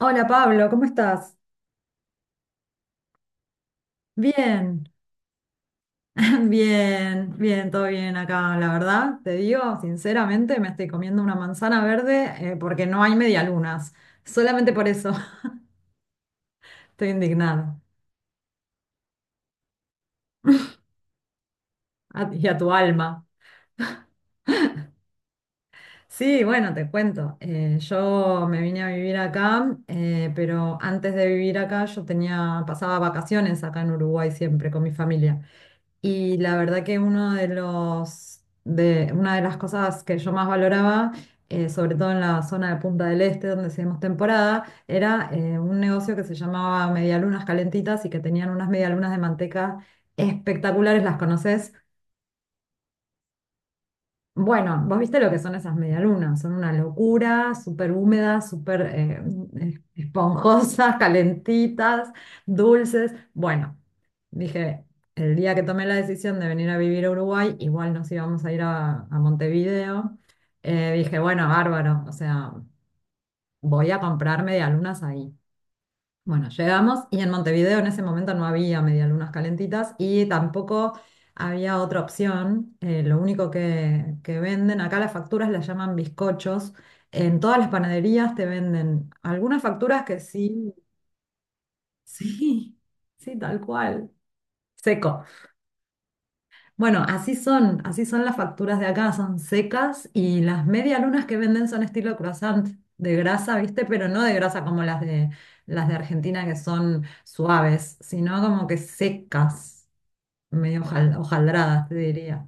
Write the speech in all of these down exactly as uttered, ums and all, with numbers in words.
Hola Pablo, ¿cómo estás? Bien, bien, bien, todo bien acá, la verdad. Te digo, sinceramente, me estoy comiendo una manzana verde eh, porque no hay medialunas. Solamente por eso estoy indignada. A- y a tu alma. Sí, bueno, te cuento. Eh, yo me vine a vivir acá, eh, pero antes de vivir acá yo tenía, pasaba vacaciones acá en Uruguay siempre con mi familia. Y la verdad que uno de los, de, una de las cosas que yo más valoraba, eh, sobre todo en la zona de Punta del Este, donde hacíamos temporada, era eh, un negocio que se llamaba Medialunas Calentitas y que tenían unas medialunas de manteca espectaculares, ¿las conoces? Bueno, vos viste lo que son esas medialunas, son una locura, súper húmedas, súper eh, esponjosas, calentitas, dulces. Bueno, dije, el día que tomé la decisión de venir a vivir a Uruguay, igual nos íbamos a ir a, a Montevideo, eh, dije, bueno, bárbaro, o sea, voy a comprar medialunas ahí. Bueno, llegamos y en Montevideo en ese momento no había medialunas calentitas y tampoco había otra opción. Eh, lo único que, que venden, acá las facturas las llaman bizcochos. En todas las panaderías te venden algunas facturas que sí, sí, sí, tal cual, seco. Bueno, así son, así son las facturas de acá, son secas y las medialunas que venden son estilo croissant de grasa, ¿viste? Pero no de grasa como las de las de Argentina que son suaves, sino como que secas, medio hojal- hojaldradas, te diría.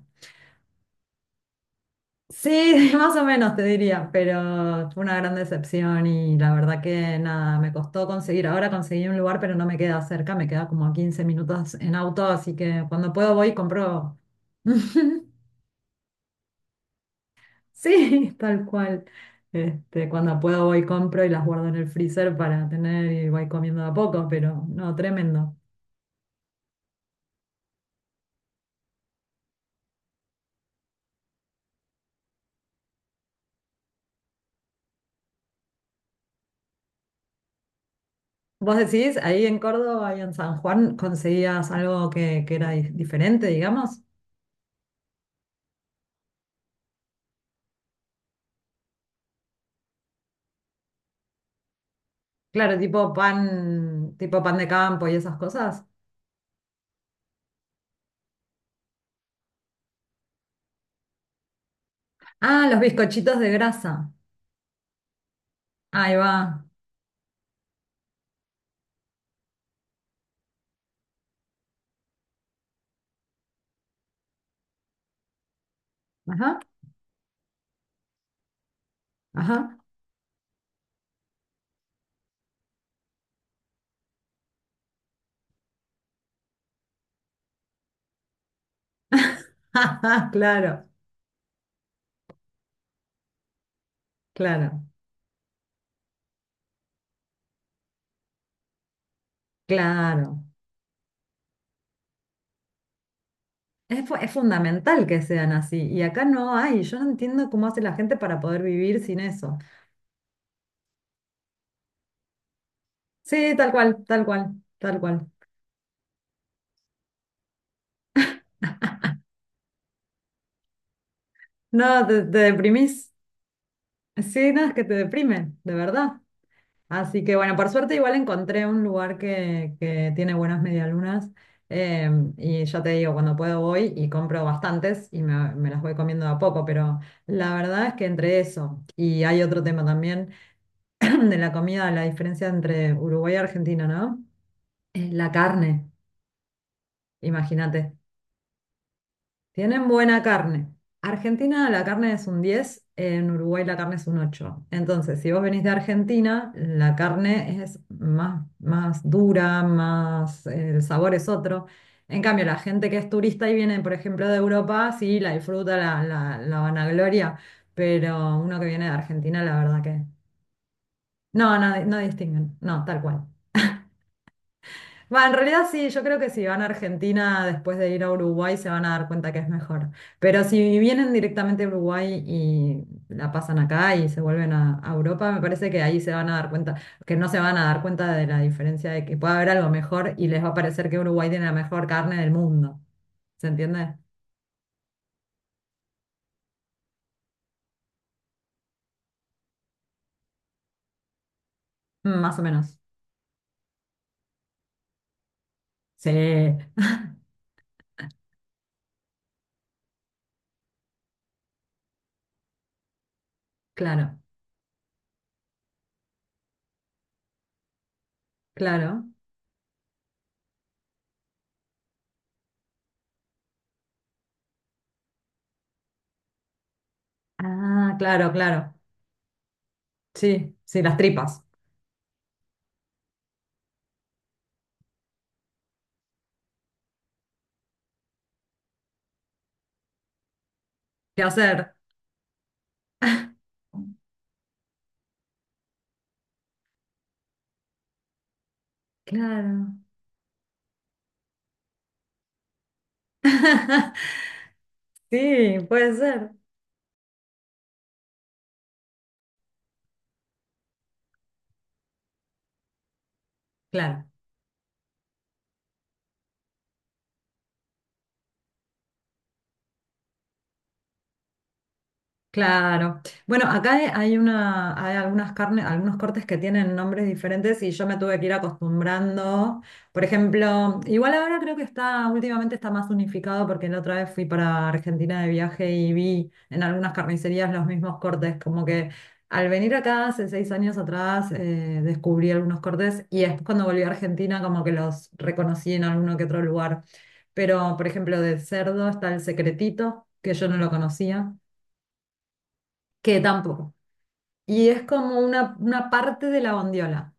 Sí, más o menos te diría, pero fue una gran decepción y la verdad que nada, me costó conseguir. Ahora conseguí un lugar, pero no me queda cerca, me queda como a quince minutos en auto, así que cuando puedo voy y compro. Sí, tal cual. Este, cuando puedo voy compro y las guardo en el freezer para tener y voy comiendo de a poco, pero no, tremendo. ¿Vos decís, ahí en Córdoba y en San Juan conseguías algo que, que era di- diferente, digamos? Claro, tipo pan, tipo pan de campo y esas cosas. Ah, los bizcochitos de grasa. Ahí va. Ajá, ajá. Claro, claro, claro. Es, fu- es fundamental que sean así, y acá no hay, yo no entiendo cómo hace la gente para poder vivir sin eso. Sí, tal cual, tal cual, tal cual. No, te, te deprimís. Sí, no, es que te deprime, de verdad. Así que bueno, por suerte igual encontré un lugar que, que tiene buenas medialunas, eh, y ya te digo, cuando puedo voy y compro bastantes y me, me las voy comiendo de a poco, pero la verdad es que entre eso, y hay otro tema también de la comida, la diferencia entre Uruguay y Argentina, ¿no? Eh, La carne, imagínate. Tienen buena carne. Argentina la carne es un diez, en Uruguay la carne es un ocho. Entonces, si vos venís de Argentina, la carne es más, más dura, más, eh, el sabor es otro. En cambio, la gente que es turista y viene, por ejemplo, de Europa, sí, la disfruta, la, la, la vanagloria, pero uno que viene de Argentina, la verdad que... No, no, no distinguen, no, tal cual. Va, en realidad sí, yo creo que si van a Argentina después de ir a Uruguay se van a dar cuenta que es mejor. Pero si vienen directamente a Uruguay y la pasan acá y se vuelven a, a Europa, me parece que ahí se van a dar cuenta, que no se van a dar cuenta de la diferencia de que puede haber algo mejor y les va a parecer que Uruguay tiene la mejor carne del mundo. ¿Se entiende? Mm, más o menos. Sí, claro, claro. Ah, claro, claro. Sí, sí, las tripas. ¿Qué hacer? Claro. Sí, puede ser. Claro. Claro. Bueno, acá he- hay una, hay algunas carnes, algunos cortes que tienen nombres diferentes y yo me tuve que ir acostumbrando. Por ejemplo, igual ahora creo que está, últimamente está más unificado porque la otra vez fui para Argentina de viaje y vi en algunas carnicerías los mismos cortes. Como que al venir acá hace seis años atrás eh, descubrí algunos cortes y después cuando volví a Argentina como que los reconocí en alguno que otro lugar. Pero, por ejemplo, de cerdo está el secretito, que yo no lo conocía que tampoco. Y es como una, una parte de la bondiola,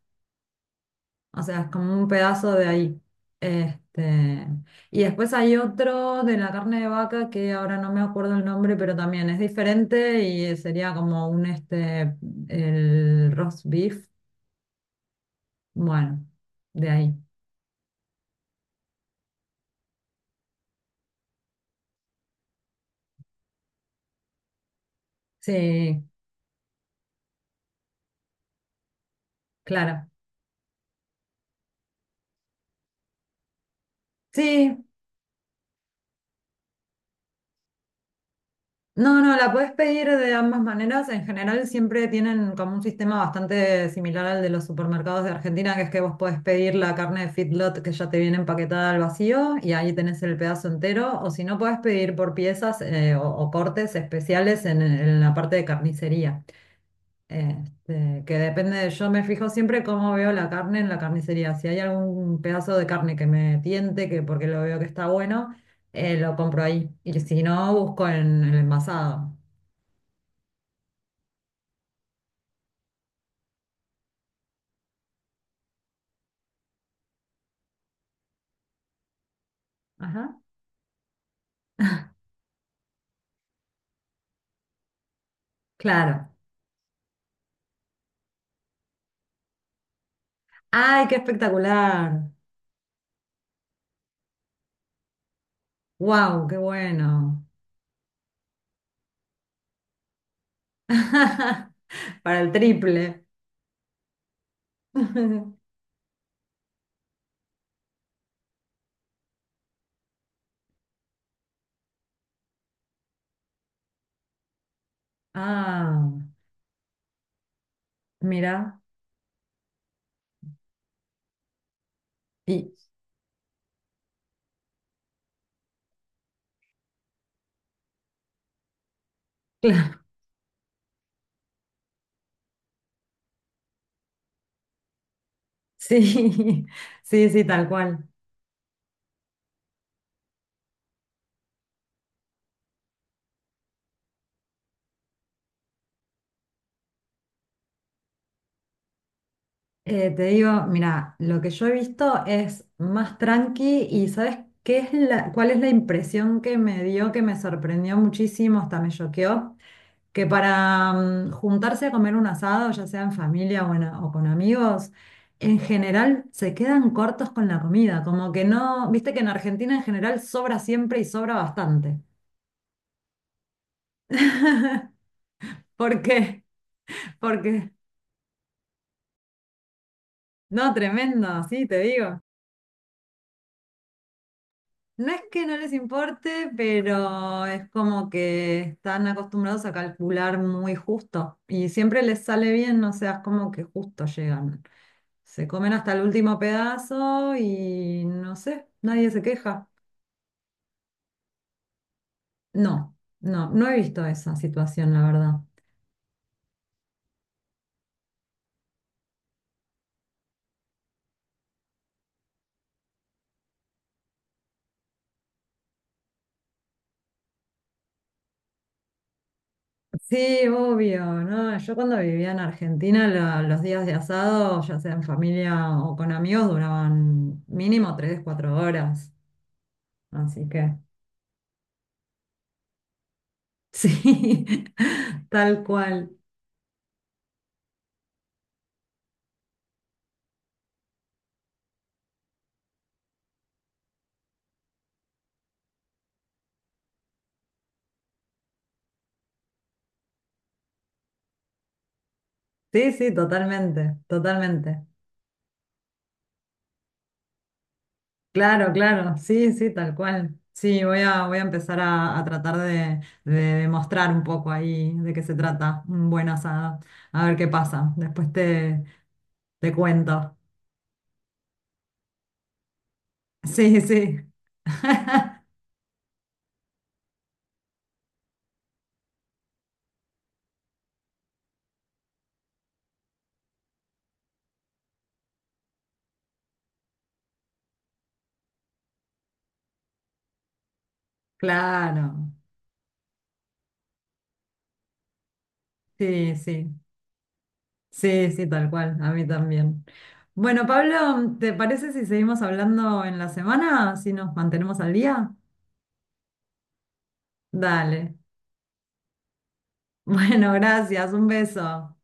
o sea, es como un pedazo de ahí. Este, y después hay otro de la carne de vaca que ahora no me acuerdo el nombre, pero también es diferente y sería como un este, el roast beef. Bueno, de ahí. Sí, claro. Sí, no, no, la puedes pedir de ambas maneras. En general siempre tienen como un sistema bastante similar al de los supermercados de Argentina, que es que vos podés pedir la carne de feedlot que ya te viene empaquetada al vacío y ahí tenés el pedazo entero. O si no, podés pedir por piezas eh, o, o cortes especiales en, en la parte de carnicería. Este, que depende de, yo me fijo siempre cómo veo la carne en la carnicería. Si hay algún pedazo de carne que me tiente, que porque lo veo que está bueno, eh, lo compro ahí. Y si no, busco en el envasado. Ajá, claro. ¡Ay, qué espectacular! ¡Wow, qué bueno! Para el triple. Ah, mira. Y claro, sí, sí, sí, tal cual. Eh, te digo, mira, lo que yo he visto es más tranqui. Y ¿sabes qué es la, cuál es la impresión que me dio, que me sorprendió muchísimo, hasta me choqueó? Que para mm, juntarse a comer un asado, ya sea en familia o, en a- o con amigos, en general se quedan cortos con la comida, como que no, viste que en Argentina en general sobra siempre y sobra bastante. ¿Por qué? Porque, no, tremendo, sí, te digo. No es que no les importe, pero es como que están acostumbrados a calcular muy justo y siempre les sale bien, o sea, es como que justo llegan. Se comen hasta el último pedazo y no sé, nadie se queja. No, no, no he visto esa situación, la verdad. Sí, obvio, ¿no? Yo cuando vivía en Argentina, la- los días de asado, ya sea en familia o con amigos, duraban mínimo tres, cuatro horas. Así que, sí, tal cual. Sí, sí, totalmente, totalmente. Claro, claro, sí, sí, tal cual. Sí, voy a, voy a empezar a, a tratar de, de demostrar un poco ahí de qué se trata un buen asado. A ver qué pasa. Después te, te cuento. Sí, sí. Claro. Sí, sí. Sí, sí, tal cual. A mí también. Bueno, Pablo, ¿te parece si seguimos hablando en la semana? Si nos mantenemos al día. Dale. Bueno, gracias. Un beso.